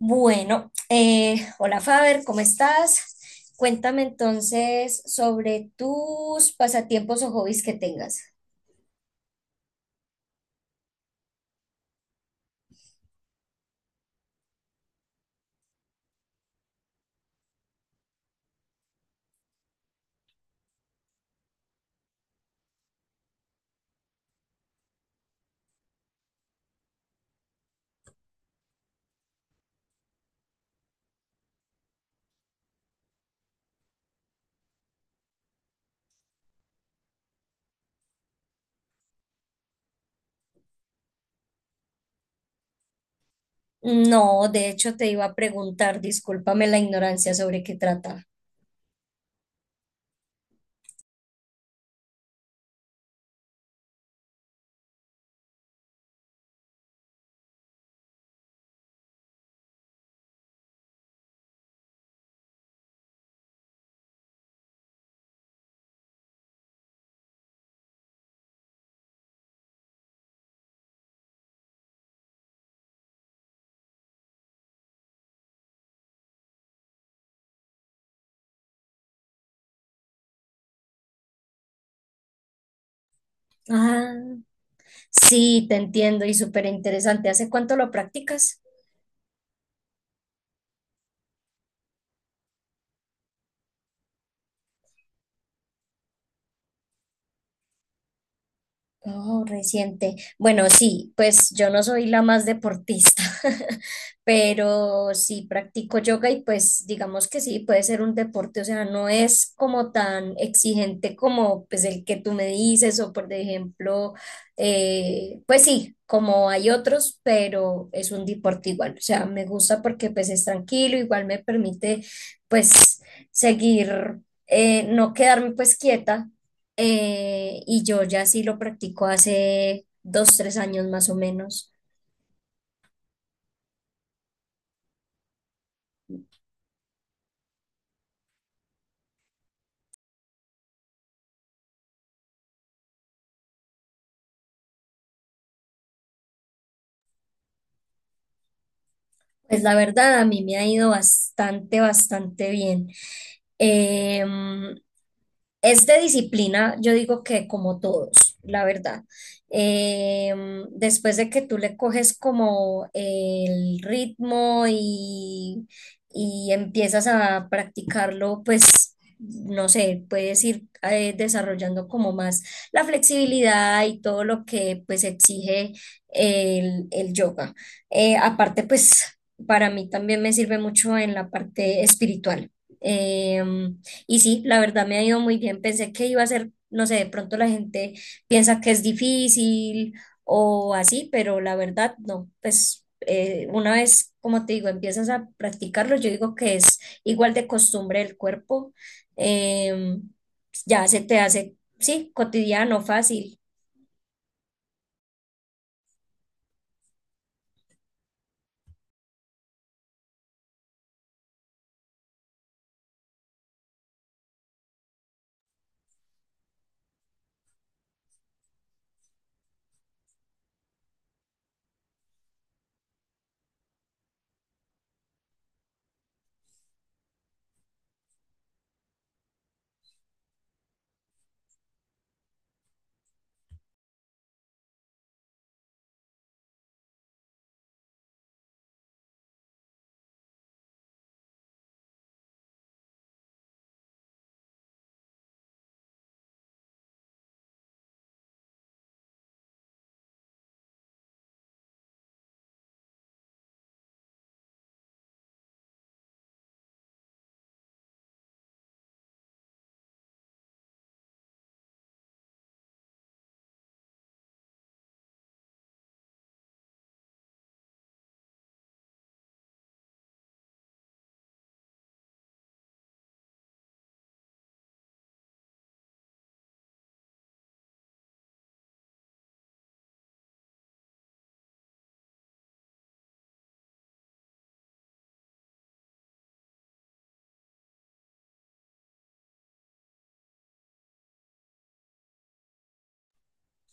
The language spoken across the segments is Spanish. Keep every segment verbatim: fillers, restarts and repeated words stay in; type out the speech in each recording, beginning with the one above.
Bueno, eh, hola Faber, ¿cómo estás? Cuéntame entonces sobre tus pasatiempos o hobbies que tengas. No, de hecho te iba a preguntar, discúlpame la ignorancia sobre qué trata. Ah, sí, te entiendo y súper interesante. ¿Hace cuánto lo practicas? Oh, reciente. Bueno, sí, pues yo no soy la más deportista, pero sí practico yoga y pues digamos que sí, puede ser un deporte, o sea, no es como tan exigente como pues el que tú me dices o por ejemplo, eh, pues sí, como hay otros, pero es un deporte igual, o sea, me gusta porque pues es tranquilo, igual me permite pues seguir, eh, no quedarme pues quieta, eh, y yo ya sí lo practico hace dos, tres años más o menos. Pues la verdad, a mí me ha ido bastante, bastante bien. Em, es de disciplina, yo digo que como todos, la verdad. Em, después de que tú le coges como el ritmo y, y empiezas a practicarlo, pues no sé, puedes ir eh, desarrollando como más la flexibilidad y todo lo que pues exige el, el yoga. Eh, aparte, pues para mí también me sirve mucho en la parte espiritual. Em, y sí, la verdad me ha ido muy bien. Pensé que iba a ser, no sé, de pronto la gente piensa que es difícil o así, pero la verdad no. Pues eh, una vez, como te digo, empiezas a practicarlo, yo digo que es igual de costumbre el cuerpo. em, ya se te hace, sí, cotidiano, fácil.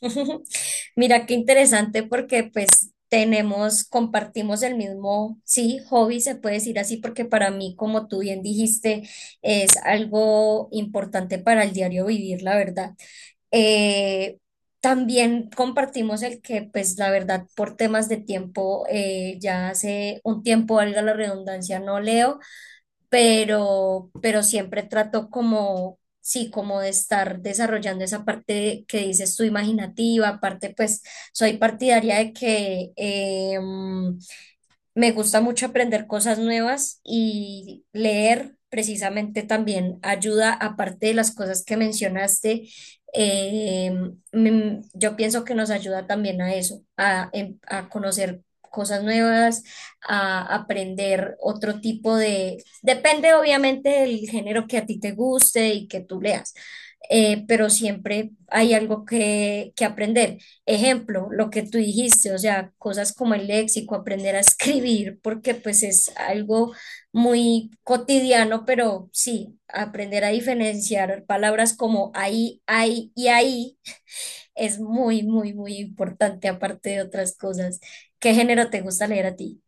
Mira qué interesante porque pues tenemos, compartimos el mismo, sí, hobby, se puede decir así, porque para mí, como tú bien dijiste, es algo importante para el diario vivir, la verdad. Eh, También compartimos el que pues la verdad por temas de tiempo, eh, ya hace un tiempo, valga la redundancia, no leo pero, pero siempre trato como, sí, como de estar desarrollando esa parte que dices tú imaginativa, aparte pues soy partidaria de que, em, me gusta mucho aprender cosas nuevas y leer precisamente también ayuda, aparte de las cosas que mencionaste, eh, mm, yo pienso que nos ayuda también a eso, a, em- a conocer cosas nuevas, a aprender otro tipo de... Depende obviamente del género que a ti te guste y que tú leas, eh, pero siempre hay algo que, que aprender. Ejemplo, lo que tú dijiste, o sea, cosas como el léxico, aprender a escribir, porque pues es algo muy cotidiano, pero sí, aprender a diferenciar palabras como ahí, ahí y ahí es muy, muy, muy importante, aparte de otras cosas. ¿Qué género te gusta leer a ti?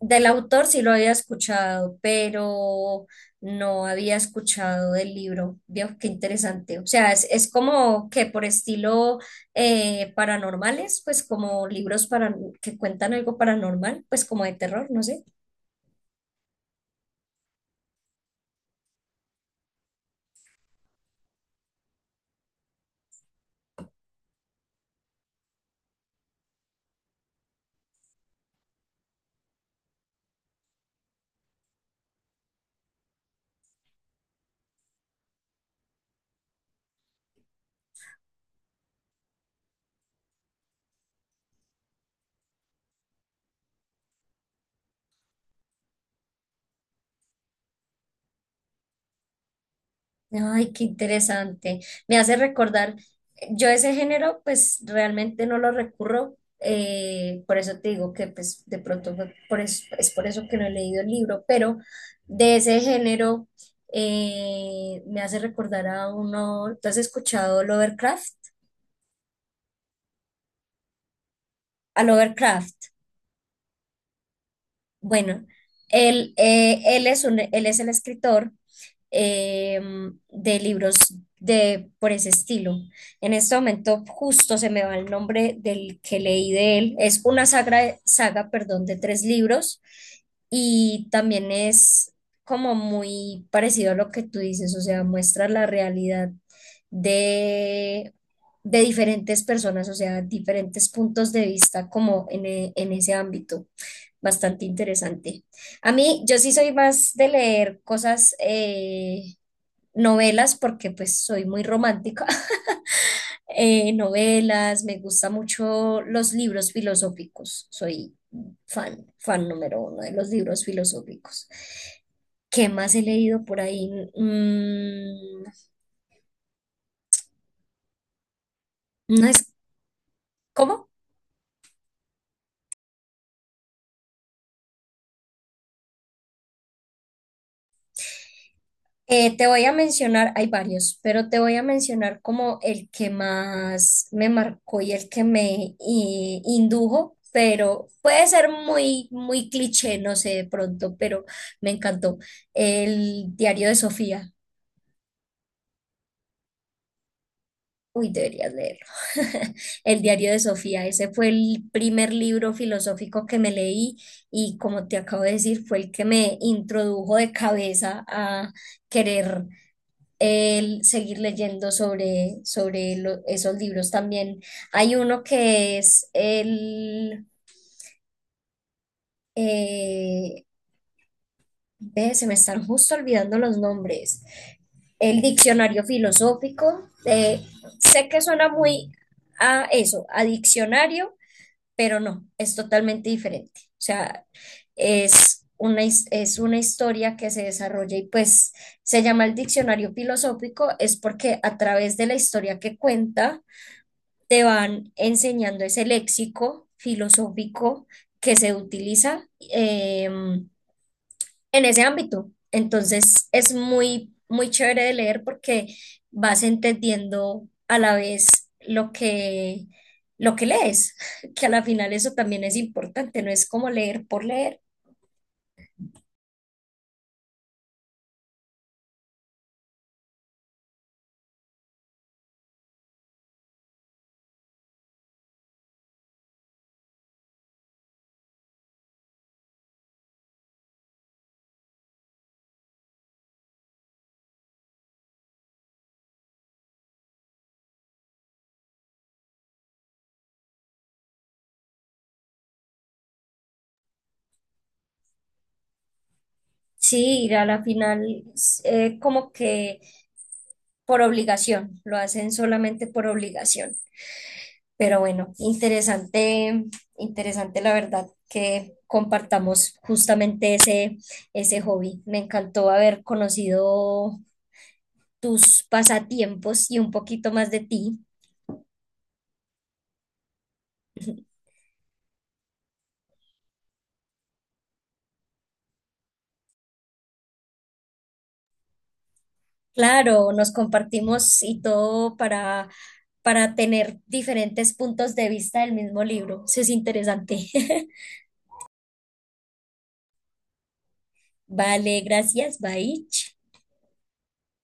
Del autor sí lo había escuchado, pero no había escuchado del libro. Veo qué interesante. O sea, es, es como que por estilo eh, paranormales, pues como libros para, que cuentan algo paranormal, pues como de terror, no sé. Ay, qué interesante. Me hace recordar, yo ese género pues realmente no lo recurro, eh, por eso te digo que pues de pronto fue por eso- es por eso que no he leído el libro, pero de ese género eh, me hace recordar a uno, ¿tú has escuchado Lovecraft? A Lovecraft. Bueno, él, eh, él es un, él es el escritor, eh, de libros de, por ese estilo. En este momento justo se me va el nombre del que leí de él. Es una sagra, saga, perdón, de tres libros y también es como muy parecido a lo que tú dices, o sea, muestra la realidad de, de diferentes personas, o sea, diferentes puntos de vista como en, e- en ese ámbito. Bastante interesante. A mí, yo sí soy más de leer cosas, eh, novelas, porque pues soy muy romántica. Eh, novelas, me gustan mucho los libros filosóficos. Soy fan, fan número uno de los libros filosóficos. ¿Qué más he leído por ahí? Mm, no es, ¿cómo? Eh, te voy a mencionar, hay varios, pero te voy a mencionar como el que más me marcó y el que me eh, indujo, pero puede ser muy, muy cliché, no sé, de pronto, pero me encantó. El diario de Sofía. Uy, deberías leerlo. El diario de Sofía. Ese fue el primer libro filosófico que me leí y como te acabo de decir, fue el que me introdujo de cabeza a querer el seguir leyendo sobre, sobre lo- esos libros también. Hay uno que es el... eh, ve, se me están justo olvidando los nombres. El diccionario filosófico. Eh, sé que suena muy a eso, a diccionario, pero no, es totalmente diferente. O sea, es una, his- es una historia que se desarrolla y pues se llama el diccionario filosófico, es porque a través de la historia que cuenta, te van enseñando ese léxico filosófico que se utiliza eh, en ese ámbito. Entonces es muy, muy chévere de leer porque vas entendiendo a la vez lo que, lo que lees, que a la final eso también es importante, no es como leer por leer. Sí, a la final es, eh, como que por obligación, lo hacen solamente por obligación. Pero bueno, interesante, interesante la verdad que compartamos justamente ese, ese hobby. Me encantó haber conocido tus pasatiempos y un poquito más de ti. Claro, nos compartimos y todo para, para tener diferentes puntos de vista del mismo libro. Eso es interesante. Vale, gracias. Bye.